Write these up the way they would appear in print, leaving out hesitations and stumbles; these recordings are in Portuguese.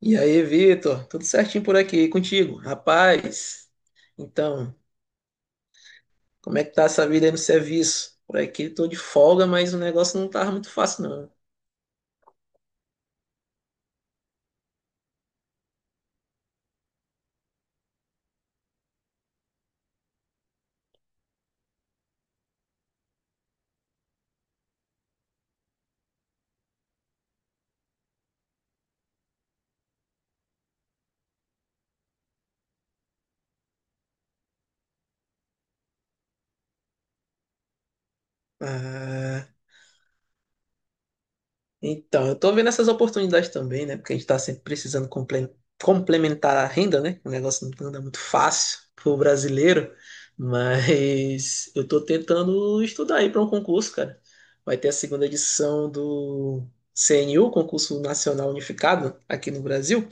E aí, Vitor? Tudo certinho por aqui e contigo? Rapaz, então, como é que tá essa vida aí no serviço? Por aqui tô de folga, mas o negócio não tava muito fácil, não. Ah, então, eu tô vendo essas oportunidades também, né? Porque a gente tá sempre precisando complementar a renda, né? O negócio não anda muito fácil pro brasileiro, mas eu tô tentando estudar aí para um concurso, cara. Vai ter a segunda edição do CNU, Concurso Nacional Unificado, aqui no Brasil.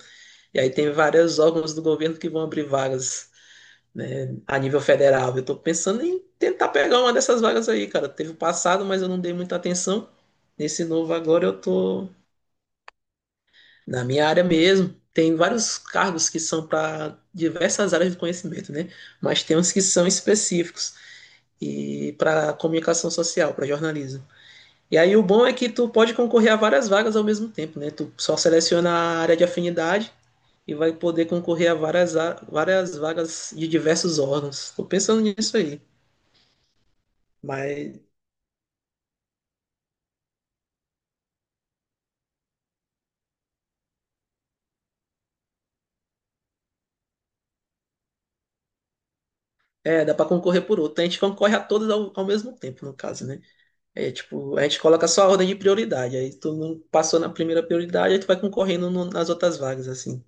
E aí tem vários órgãos do governo que vão abrir vagas, né, a nível federal. Eu estou pensando em tentar pegar uma dessas vagas aí, cara. Teve o passado, mas eu não dei muita atenção. Nesse novo agora eu tô na minha área mesmo. Tem vários cargos que são para diversas áreas de conhecimento, né? Mas tem uns que são específicos e para comunicação social, para jornalismo. E aí o bom é que tu pode concorrer a várias vagas ao mesmo tempo, né? Tu só seleciona a área de afinidade e vai poder concorrer a várias, várias vagas de diversos órgãos. Tô pensando nisso aí. Mas é, dá para concorrer por outro. A gente concorre a todas ao mesmo tempo, no caso, né? É tipo, a gente coloca só a ordem de prioridade. Aí tu não passou na primeira prioridade, aí tu vai concorrendo nas outras vagas, assim.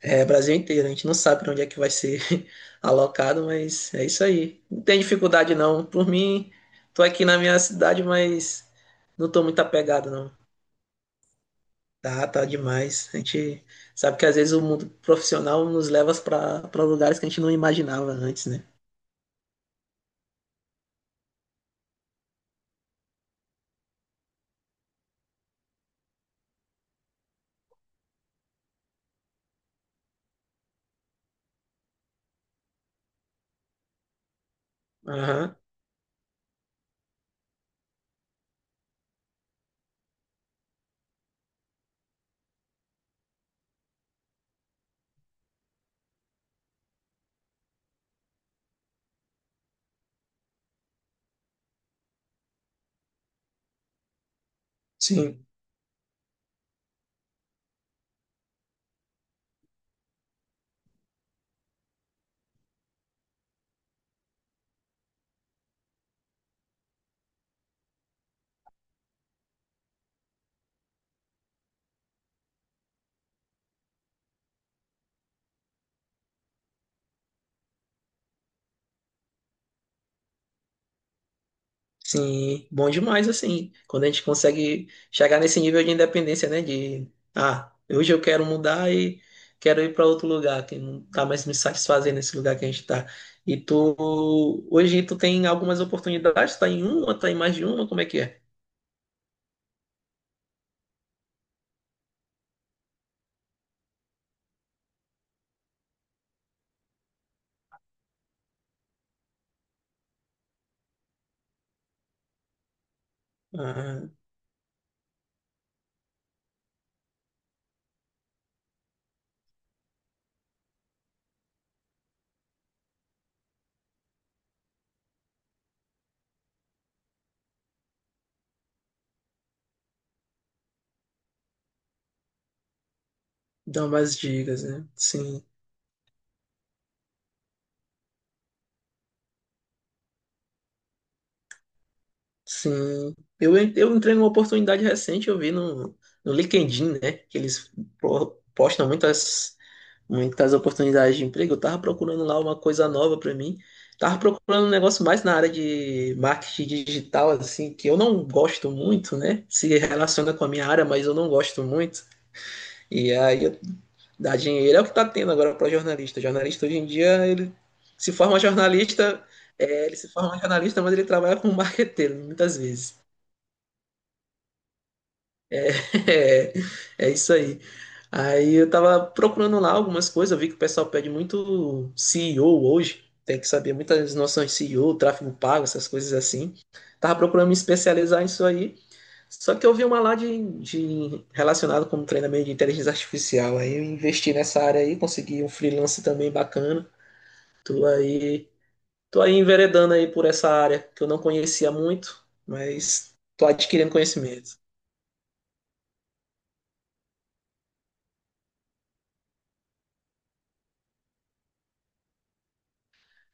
É, Brasil inteiro, a gente não sabe para onde é que vai ser alocado, mas é isso aí. Não tem dificuldade não. Por mim, tô aqui na minha cidade, mas não tô muito apegado não. Tá, tá demais. A gente sabe que às vezes o mundo profissional nos leva para lugares que a gente não imaginava antes, né? Aham, sim. Sim, bom demais assim. Quando a gente consegue chegar nesse nível de independência, né? De, ah, hoje eu quero mudar e quero ir para outro lugar que não tá mais me satisfazendo nesse lugar que a gente tá. E tu, hoje tu tem algumas oportunidades, tá em uma, tá em mais de uma, como é que é? Ah, dá umas dicas, né? Sim. Sim, eu entrei numa oportunidade recente, eu vi no LinkedIn, né, que eles postam muitas oportunidades de emprego. Eu tava procurando lá uma coisa nova para mim, tava procurando um negócio mais na área de marketing digital, assim, que eu não gosto muito, né, se relaciona com a minha área, mas eu não gosto muito. E aí eu dá dinheiro é o que tá tendo agora para jornalista. Jornalista hoje em dia, ele se forma jornalista, é, ele se forma jornalista, mas ele trabalha como marqueteiro, muitas vezes. É, é isso aí. Aí eu tava procurando lá algumas coisas, eu vi que o pessoal pede muito CEO hoje, tem que saber muitas noções de CEO, tráfego pago, essas coisas assim. Tava procurando me especializar nisso aí, só que eu vi uma lá de relacionado com treinamento de inteligência artificial, aí eu investi nessa área aí, consegui um freelance também bacana. Tô aí, tô aí enveredando aí por essa área que eu não conhecia muito, mas tô adquirindo conhecimento.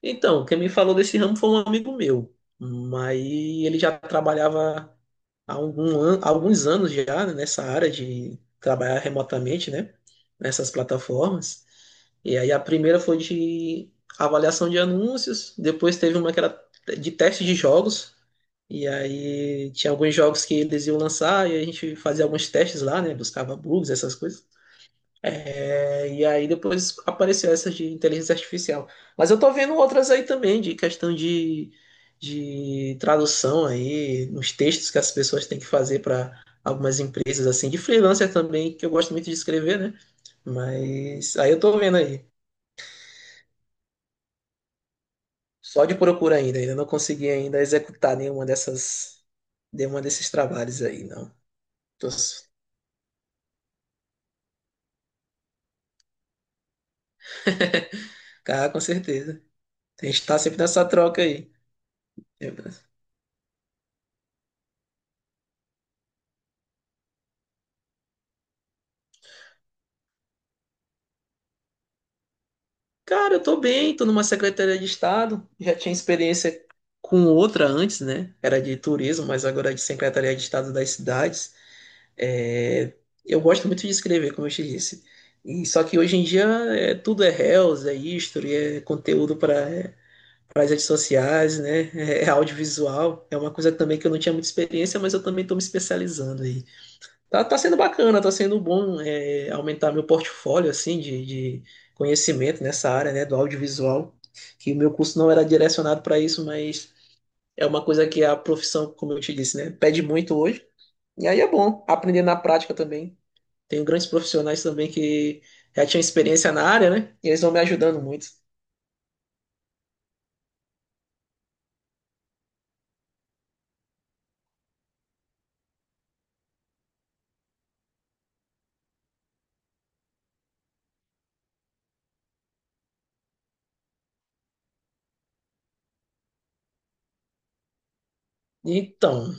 Então, quem me falou desse ramo foi um amigo meu, mas ele já trabalhava há alguns anos já né, nessa área de trabalhar remotamente, né? Nessas plataformas. E aí a primeira foi de avaliação de anúncios, depois teve uma que era de teste de jogos, e aí tinha alguns jogos que eles iam lançar e a gente fazia alguns testes lá, né? Buscava bugs, essas coisas. É, e aí depois apareceu essa de inteligência artificial. Mas eu tô vendo outras aí também, de questão de tradução aí, nos textos que as pessoas têm que fazer para algumas empresas, assim, de freelancer também, que eu gosto muito de escrever, né? Mas aí eu tô vendo aí. Só de procura ainda, ainda não consegui ainda executar nenhuma dessas, nenhuma desses trabalhos aí, não. Tô, ah, com certeza. A gente tá sempre nessa troca aí, né? Cara, eu tô bem, tô numa secretaria de Estado, já tinha experiência com outra antes, né? Era de turismo, mas agora é de secretaria de Estado das cidades. É, eu gosto muito de escrever, como eu te disse. E só que hoje em dia é, tudo é reels, é history, é conteúdo para as redes sociais, né? É, é audiovisual. É uma coisa também que eu não tinha muita experiência, mas eu também estou me especializando aí. Tá, tá sendo bacana, tá sendo bom é, aumentar meu portfólio assim de conhecimento nessa área, né, do audiovisual, que o meu curso não era direcionado para isso, mas é uma coisa que a profissão, como eu te disse, né, pede muito hoje. E aí é bom aprender na prática também. Tenho grandes profissionais também que já tinham experiência na área, né? E eles vão me ajudando muito. Então,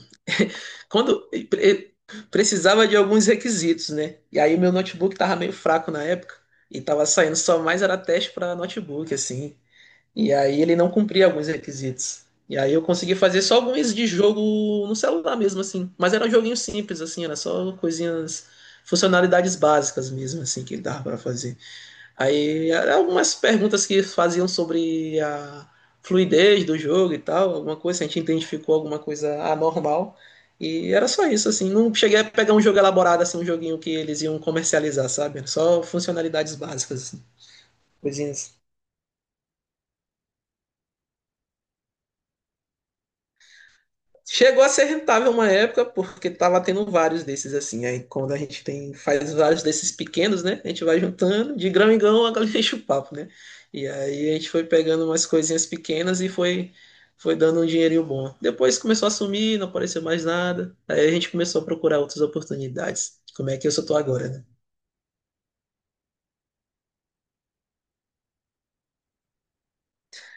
Quando pre- precisava de alguns requisitos, né? E aí meu notebook tava meio fraco na época e tava saindo só mais era teste para notebook assim. E aí ele não cumpria alguns requisitos. E aí eu consegui fazer só alguns de jogo no celular mesmo assim, mas era um joguinho simples assim, era só coisinhas, funcionalidades básicas mesmo assim que ele dava para fazer. Aí eram algumas perguntas que faziam sobre a fluidez do jogo e tal, alguma coisa, se a gente identificou alguma coisa anormal. E era só isso, assim. Não cheguei a pegar um jogo elaborado, assim, um joguinho que eles iam comercializar, sabe? Era só funcionalidades básicas, assim, coisinhas. Chegou a ser rentável uma época, porque tava tendo vários desses assim. Aí quando a gente tem, faz vários desses pequenos, né? A gente vai juntando, de grão em grão, a galinha enche o papo, né? E aí a gente foi pegando umas coisinhas pequenas e foi dando um dinheirinho bom. Depois começou a sumir, não apareceu mais nada. Aí a gente começou a procurar outras oportunidades. Como é que eu só tô agora, né?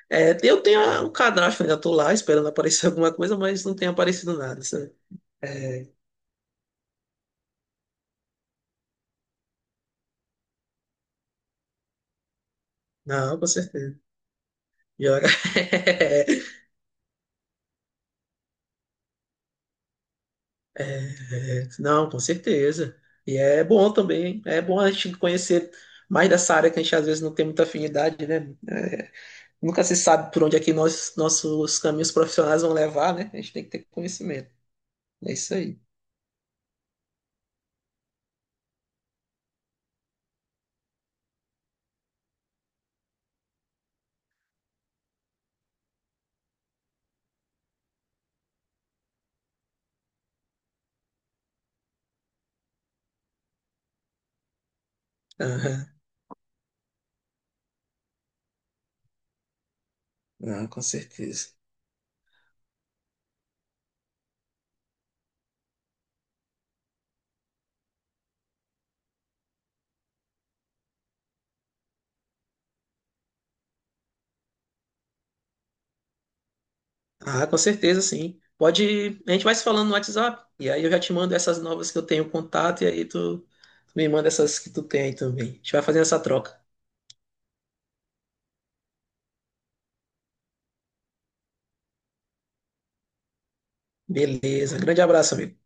É, eu tenho um cadastro, ainda tô lá esperando aparecer alguma coisa, mas não tem aparecido nada, sabe? É, não, com certeza. Joga. É, não, com certeza. E é bom também, é bom a gente conhecer mais dessa área que a gente às vezes não tem muita afinidade, né? É, nunca se sabe por onde é que nós, nossos caminhos profissionais vão levar, né? A gente tem que ter conhecimento. É isso aí. Aham. Não, com certeza. Ah, com certeza, sim. Pode, a gente vai se falando no WhatsApp, e aí eu já te mando essas novas que eu tenho contato, e aí tu me manda essas que tu tem aí também. A gente vai fazendo essa troca. Beleza. Grande abraço, amigo.